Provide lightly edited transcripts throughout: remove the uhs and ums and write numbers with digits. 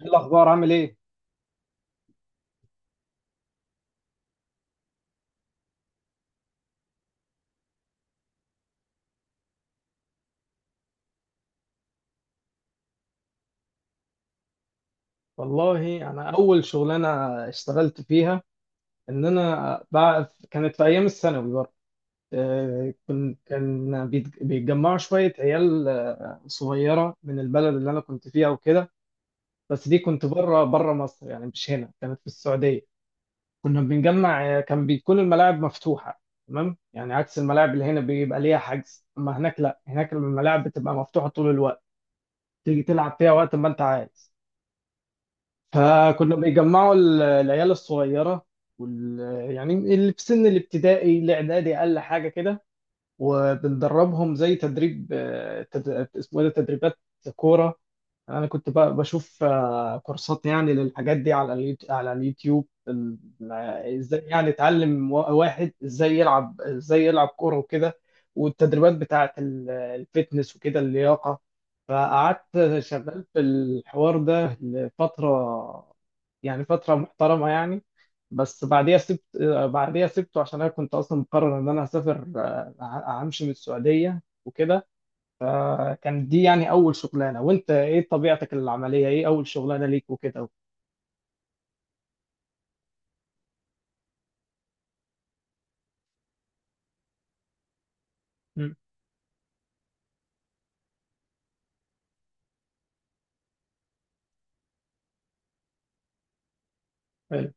ايه الاخبار عامل ايه؟ والله انا اول شغلانه اشتغلت فيها ان انا بقى كانت في ايام الثانوي برضه. بيتجمعوا شويه عيال صغيره من البلد اللي انا كنت فيها وكده. بس دي كنت بره مصر، يعني مش هنا، كانت في السعوديه. كنا بنجمع، كان بتكون الملاعب مفتوحه، تمام، يعني عكس الملاعب اللي هنا بيبقى ليها حجز، اما هناك لا، هناك الملاعب بتبقى مفتوحه طول الوقت، تيجي تلعب فيها وقت ما انت عايز. فكنا بيجمعوا العيال الصغيرة وال... يعني اللي في سن الابتدائي الإعدادي أقل حاجة كده، وبندربهم زي تدريب، اسمه إيه ده، تدريبات كورة. انا كنت بشوف كورسات يعني للحاجات دي على على اليوتيوب ازاي يعني اتعلم واحد ازاي يلعب، ازاي يلعب كوره وكده، والتدريبات بتاعه الفتنس وكده، اللياقه. فقعدت شغال في الحوار ده لفتره، يعني فتره محترمه يعني. بس بعديها سبت، بعديها سبته عشان انا كنت اصلا مقرر ان انا هسافر، همشي من السعوديه وكده. كان دي يعني اول شغلانه، وانت ايه طبيعتك العمليه؟ ايه اول شغلانه ليك وكده؟ امم. حلو.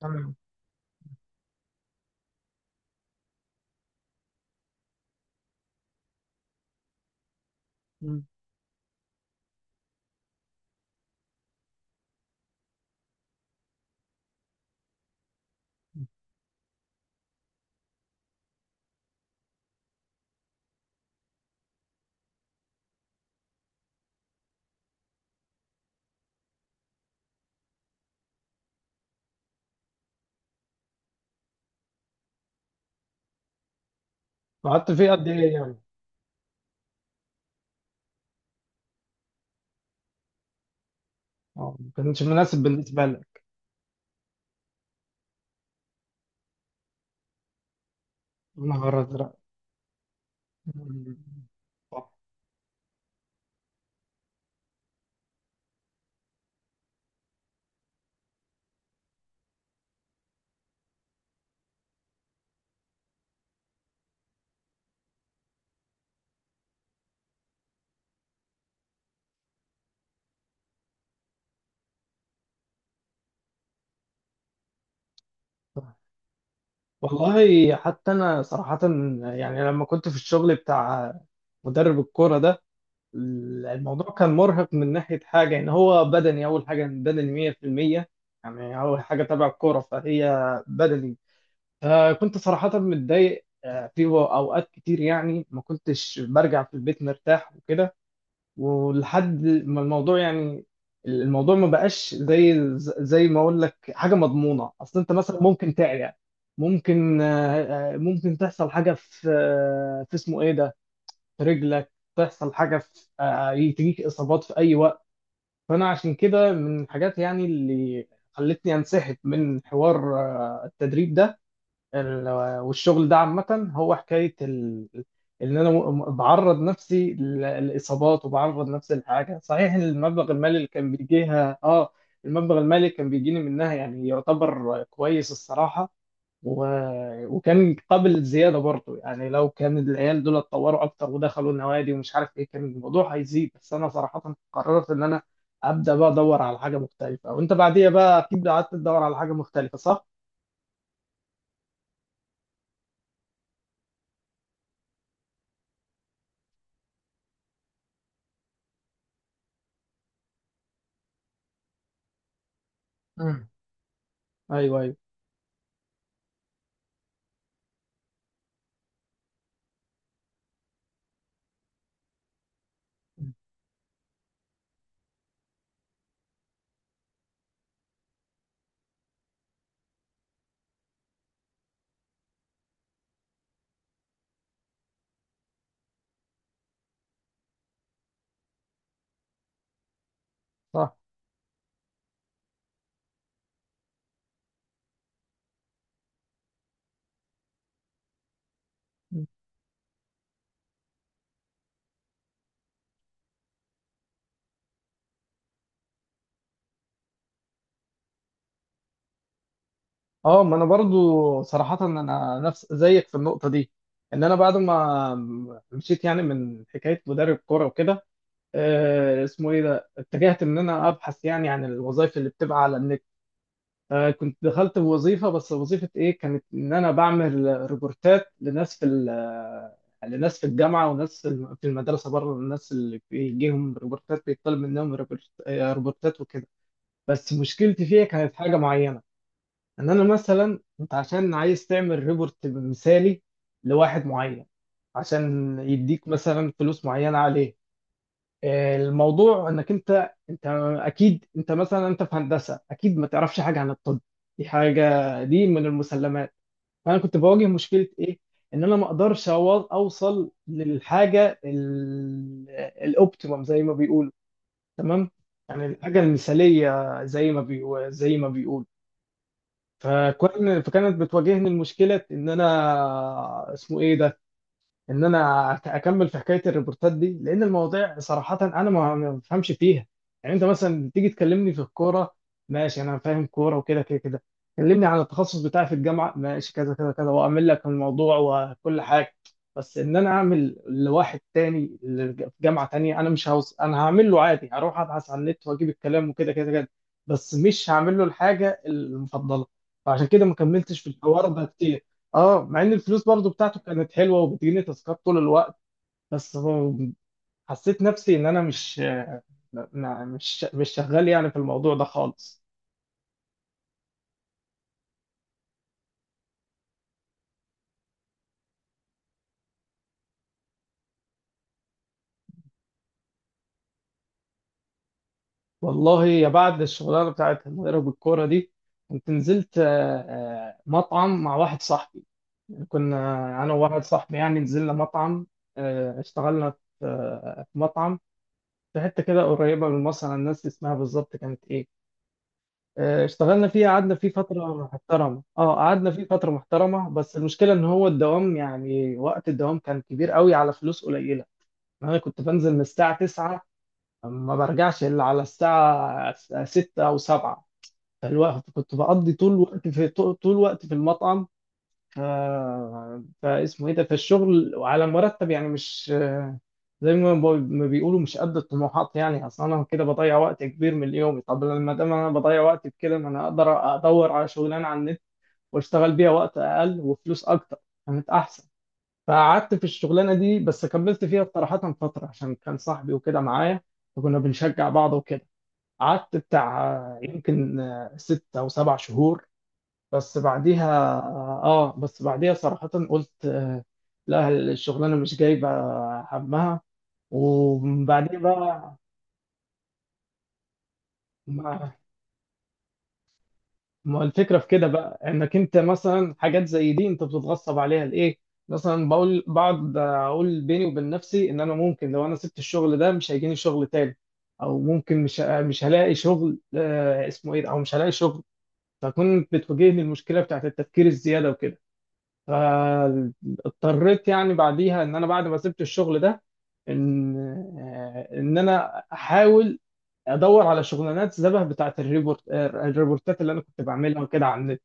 تمام. مم. قعدت فيه قد ايه يعني؟ اه ما كانش مناسب بالنسبه لك. يا نهار ازرق. مم. صح. صح. والله حتى انا صراحه، يعني لما كنت في الشغل بتاع مدرب الكوره ده، الموضوع كان مرهق من ناحيه حاجه، ان هو بدني، اول حاجه بدني 100%. يعني اول حاجه تبع الكوره، فهي بدني. آه، كنت صراحة متضايق أوقات كتير، يعني ما كنتش برجع في البيت مرتاح وكده. ولحد ما الموضوع يعني الموضوع ما بقاش زي، زي ما أقول لك، حاجة مضمونة، أصل أنت مثلا ممكن تعيا، ممكن، ممكن تحصل حاجة في، آه، في اسمه إيه ده، في رجلك، تحصل حاجة في، آه، تجيك إصابات في أي وقت. فأنا عشان كده من الحاجات يعني اللي خلتني أنسحب من حوار التدريب ده، ال- والشغل ده عامة. هو حكاية إن أنا بعرض نفسي لإصابات، وبعرض نفسي لحاجة، صحيح إن المبلغ المالي اللي كان بيجيها آه، المبلغ المالي كان بيجيني منها يعني يعتبر كويس الصراحة. و... وكان قابل زيادة برضه، يعني لو كان العيال دول اتطوروا أكتر ودخلوا النوادي ومش عارف إيه كان الموضوع هيزيد. بس أنا صراحة قررت إن أنا أبدأ بقى أدور على حاجة مختلفة. وأنت بعديها بقى أكيد قعدت تدور على حاجة مختلفة، صح؟ مم. أيوه، أيوه. صح. اه، ما انا برضو صراحة انا نفس زيك في النقطة دي، ان انا بعد ما مشيت يعني من حكاية مدرب كورة وكده، اسمه ايه ده، اتجهت ان انا ابحث يعني عن الوظائف اللي بتبقى على النت. آه، كنت دخلت بوظيفة، بس وظيفة ايه كانت؟ ان انا بعمل ريبورتات لناس في لناس في الجامعة وناس في في المدرسة بره، الناس اللي بيجيهم ريبورتات، بيطلب منهم ريبورتات وكده. بس مشكلتي فيها كانت حاجة معينة، ان انا مثلا، انت عشان عايز تعمل ريبورت مثالي لواحد معين، عشان يديك مثلا فلوس معينه عليه، آه، الموضوع انك انت اكيد انت مثلا انت في هندسه، اكيد ما تعرفش حاجه عن الطب، دي حاجه، دي من المسلمات. فانا كنت بواجه مشكله ايه؟ ان انا ما اقدرش اوصل للحاجه الاوبتيمم زي ما بيقولوا، تمام، يعني الحاجه المثاليه زي ما بيقولوا، زي ما بيقولوا. فكان، فكانت بتواجهني المشكله، ان انا اسمه ايه ده، ان انا اكمل في حكايه الريبورتات دي، لان المواضيع صراحه انا ما بفهمش فيها. يعني انت مثلا تيجي تكلمني في الكوره، ماشي، انا فاهم كوره وكده كده كده. كلمني عن التخصص بتاعي في الجامعه، ماشي، كذا كذا كذا، واعمل لك الموضوع وكل حاجه. بس ان انا اعمل لواحد تاني في جامعه تانيه، انا مش هوص... انا هعمل له عادي، هروح ابحث على النت واجيب الكلام وكده كده كده، بس مش هعمل له الحاجه المفضله. فعشان كده ما كملتش في الحوار ده كتير. اه، مع ان الفلوس برضو بتاعته كانت حلوه وبتجيني تاسكات طول الوقت، بس حسيت نفسي ان انا مش، مش شغال يعني في الموضوع ده خالص. والله يا، بعد الشغلانه بتاعت المدرب بالكوره دي كنت نزلت، مطعم مع واحد صاحبي، يعني كنا، انا وواحد صاحبي يعني نزلنا مطعم، اشتغلنا في، في مطعم في حته كده قريبه من مصر، انا الناس اسمها بالظبط كانت ايه، اشتغلنا فيه، قعدنا فيه فترة محترمة. اه، قعدنا فيه فترة محترمة، بس المشكلة ان هو الدوام، يعني وقت الدوام كان كبير قوي على فلوس قليلة. انا كنت بنزل من الساعة 9، ما برجعش الا على الساعة 6 او 7، فالوقت كنت بقضي طول الوقت في، طول الوقت في المطعم. آه، فاسمه ايه ده، في الشغل وعلى مرتب يعني مش، آه، زي ما بيقولوا، مش قد الطموحات يعني، اصل انا كده بضيع وقت كبير من يومي، طب لما دام انا بضيع وقت بكده، ما انا اقدر ادور على شغلانه على النت واشتغل بيها وقت اقل وفلوس اكتر، كانت احسن. فقعدت في الشغلانه دي، بس كملت فيها صراحه فتره عشان كان صاحبي وكده معايا، فكنا بنشجع بعض وكده. قعدت بتاع، يمكن، ست او سبع شهور. بس بعديها، اه بس بعديها صراحة قلت، آه، لا الشغلانة مش جايبة همها، وبعدين بقى، ما, ما الفكرة في كده بقى، انك انت مثلا حاجات زي دي انت بتتغصب عليها لإيه؟ مثلا بقول، بقعد اقول بيني وبين نفسي ان انا ممكن لو انا سبت الشغل ده مش هيجيني شغل تاني، او ممكن مش هلاقي شغل، آه، اسمه ايه ده، او مش هلاقي شغل. فكنت بتواجهني المشكلة بتاعت التفكير الزيادة وكده. فاضطريت يعني بعديها ان انا بعد ما سبت الشغل ده، ان، آه، ان انا احاول ادور على شغلانات شبه بتاعت الريبورت، الريبورتات اللي انا كنت بعملها وكده على النت.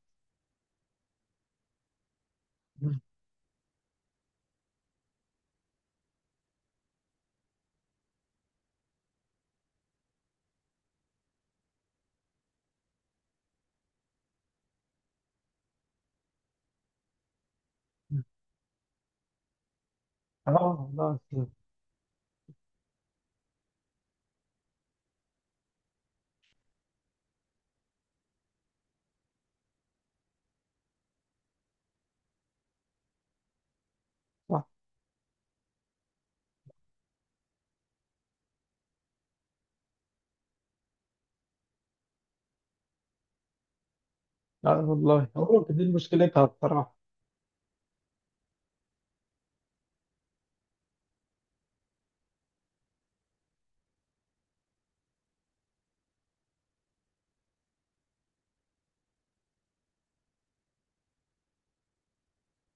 اه. لا. لا. لا والله، هو دي مشكلتها بصراحه.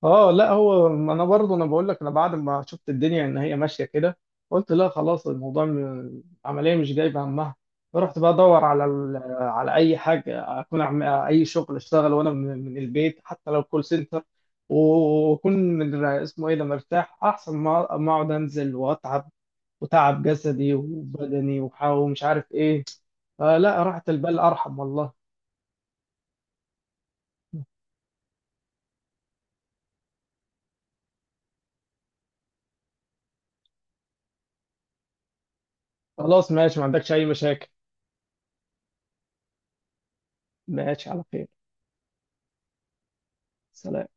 اه لا، هو انا برضه انا بقول لك، انا بعد ما شفت الدنيا ان هي ماشيه كده، قلت لا خلاص، الموضوع العمليه مش جايبه همها. فرحت بقى ادور على على اي حاجه، اكون أعمل اي شغل، اشتغل وانا من، من البيت، حتى لو كول سنتر، واكون من اسمه ايه ده مرتاح، احسن ما اقعد انزل واتعب، وتعب جسدي وبدني ومش عارف ايه، فلا راحة البال ارحم والله. خلاص ماشي، ما عندكش اي مشاكل. ماشي، على خير. سلام.